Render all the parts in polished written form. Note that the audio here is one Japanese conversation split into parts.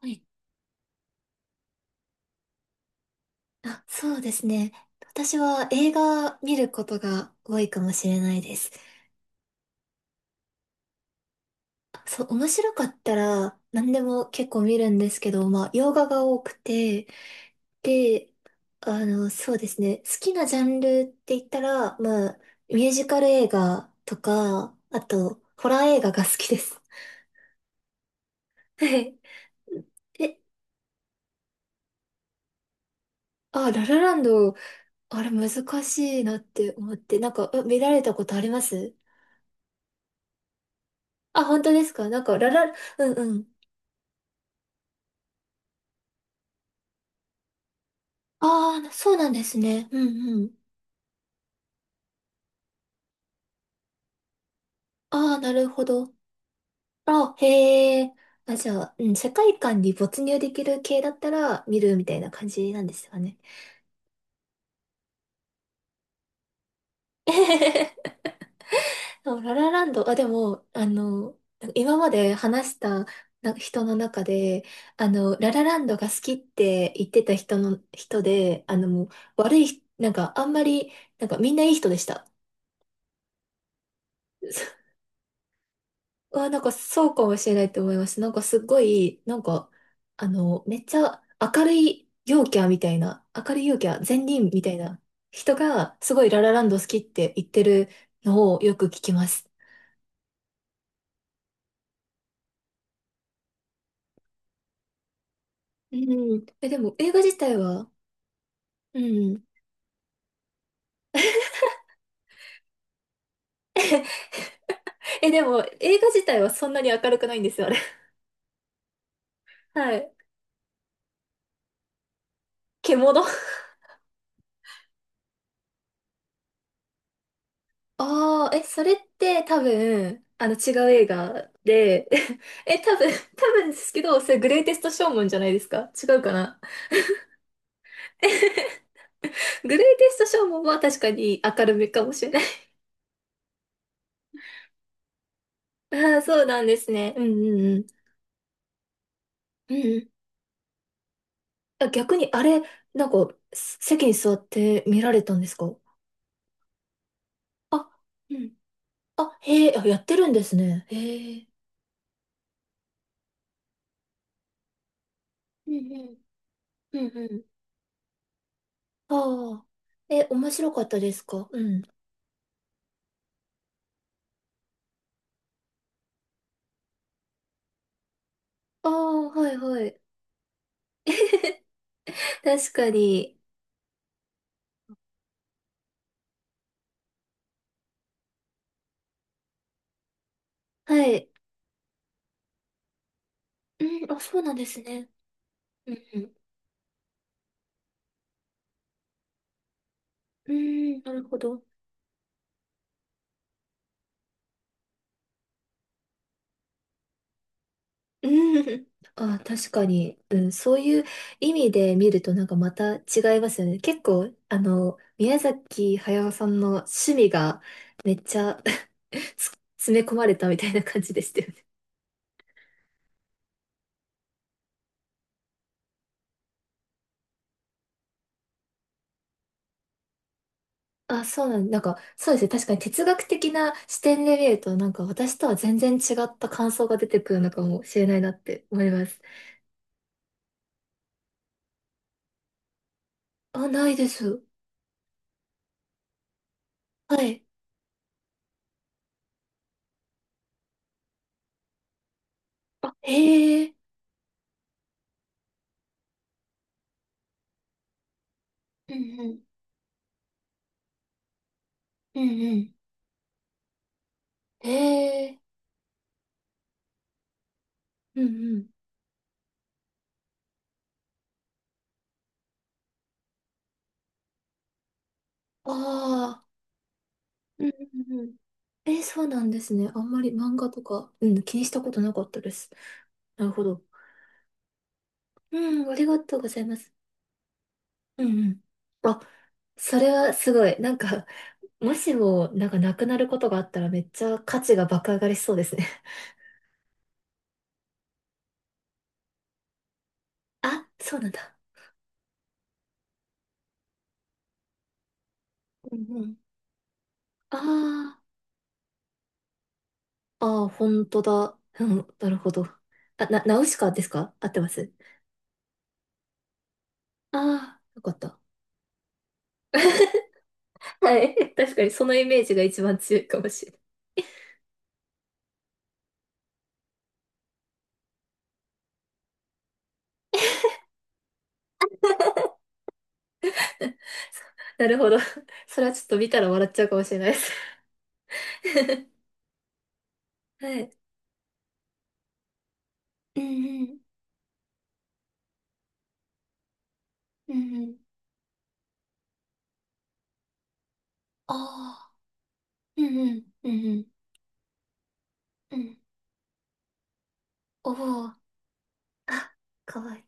はい。あ、そうですね。私は映画見ることが多いかもしれないです。そう、面白かったら何でも結構見るんですけど、まあ、洋画が多くて、で、そうですね。好きなジャンルって言ったら、まあ、ミュージカル映画とか、あと、ホラー映画が好きです。はい。え、あ、ララランド、あれ難しいなって思って、なんか、あ見られたことあります？あ、本当ですか？なんか、ララ、うんうん。ああ、そうなんですね。うんうん。ああ、なるほど。あ、へえ。あ、じゃあ、うん、世界観に没入できる系だったら見るみたいな感じなんですよね。でもララランド、あ、でも、今まで話したな人の中で、ララランドが好きって言ってた人の、人で、もう悪い、なんか、あんまり、なんか、みんないい人でした。うわ、なんかそうかもしれないと思います。なんかすごい、なんか、めっちゃ明るい陽キャみたいな、明るい陽キャ、善人みたいな人が、すごいララランド好きって言ってるのをよく聞きます。うん。え、でも映画自体は、うん。え、でも映画自体はそんなに明るくないんですよ、あれ。はい。獣。ああ、え、それって多分、違う映画で、え、多分ですけど、それグレイテストショーマンじゃないですか？違うかな？ グレイテストショーもまあ確かに明るめかもしれない。ああ、そうなんですね。うんうんうん。うんうん。あ逆にあれ、なんか、席に座って見られたんですか？あ、うん。あ、へえ、あやってるんですね。へえ。うんうん。うんうん。ああ。え、面白かったですか？うん。ああ、はいはい。確かに。はい。うん、あ、そうなんですね。うんうん。うーん、なるほど。うん。あ、確かに、うん、そういう意味で見るとなんかまた違いますよね。結構、宮崎駿さんの趣味がめっちゃ 詰め込まれたみたいな感じでしたよね。あ、なんか、そうですね。確かに哲学的な視点で見ると、なんか私とは全然違った感想が出てくるのかもしれないなって思います。あ、ないです。はい。あ、へえ。うんうん、うんうん。へえ。うんうん。ああ。うんうんうん。そうなんですね。あんまり漫画とか、うん、気にしたことなかったです。なるほど。うん、ありがとうございます。うんうん。あ、それはすごい。なんか、もしも、なんかなくなることがあったらめっちゃ価値が爆上がりしそうですね。あ、そうなんだ。うんうん。ああ、ああ、本当だ。うん、なるほど。あ、ナウシカですか？合ってます？ああー、よかった。はい。確かにそのイメージが一番強いかもしれない。なるほど。それはちょっと見たら笑っちゃうかもしれないです。はい。うんうん、うんうん。ああ、うんうん、うんうん、うん。おお、あ、かわいい。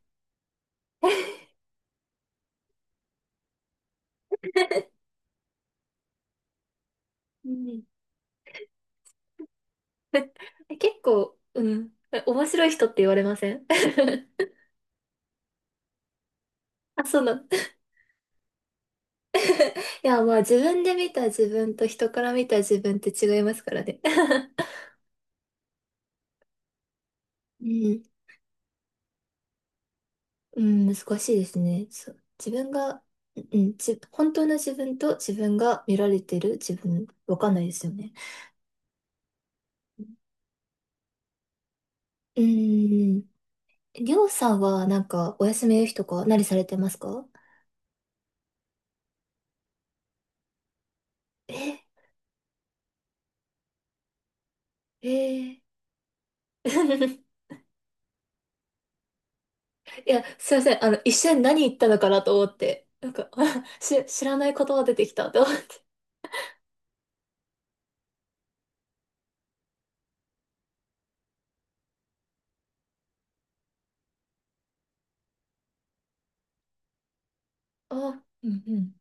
うんうん。え結構、うん。え面白い人って言われません？ あ、そうなの。いや、まあ自分で見た自分と人から見た自分って違いますからね。うんうん、難しいですね。そう、自分が、うん、うんじ、本当の自分と自分が見られてる自分、わかんないですよね。うん。りょうさんはなんかお休みの日とか何されてますか？え、えー いや、すいません。一瞬何言ったのかなと思って。なんか、知らない言葉出てきたと思って。あ、うんうん。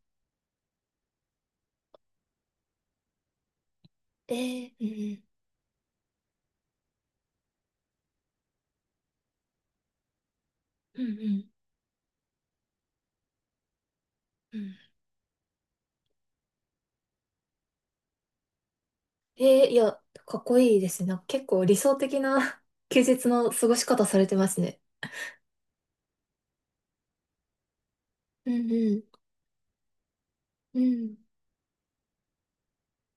えー、うんうん。うんうん。うん。えー、いや、かっこいいですね。なんか結構理想的な 休日の過ごし方されてますね。うんうん。うん。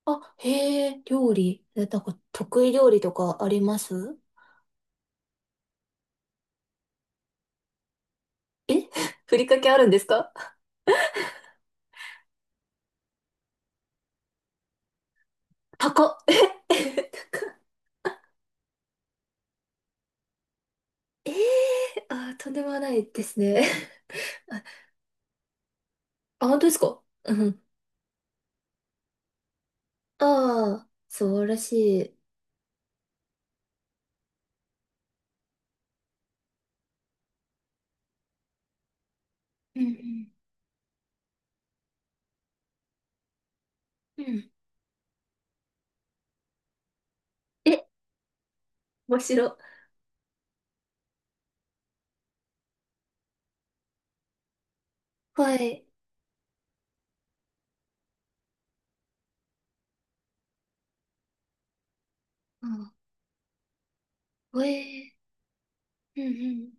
あ、へえ、料理。え、なんか得意料理とかあります？ふりかけあるんですか？高っ。え、え、高っ、えー、あー、とんでもないですね。あ、あ本当ですか？うん。ああ、素晴らしい。うんうん。うん。え、面白い。はい。あ、えー、うんうん。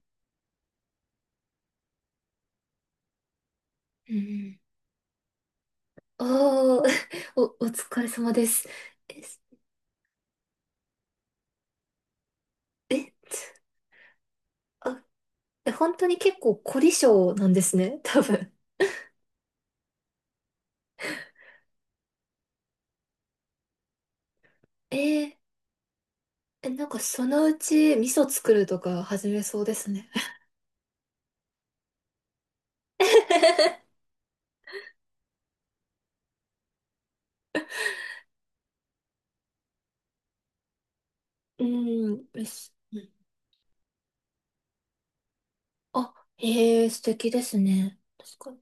うんうん。おー、お疲れ様です。え、え、あ、え本当に結構凝り性なんですね、多分。えー、え、なんかそのうち味噌作るとか始めそうですね。うん、よし。うん。あ、へえ、素敵ですね。確かに。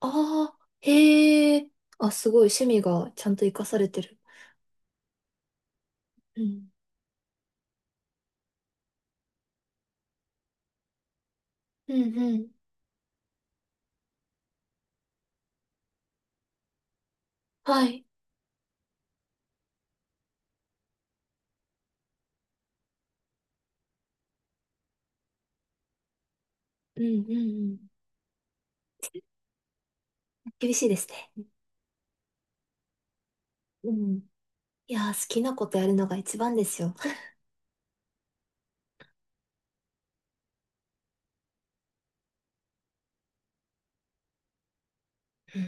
ああ、へえ。あ、すごい趣味がちゃんと活かされてる。うん。うんうん。はい。うんうんうん。厳しいですね。うん。いやー、好きなことやるのが一番ですよ。うん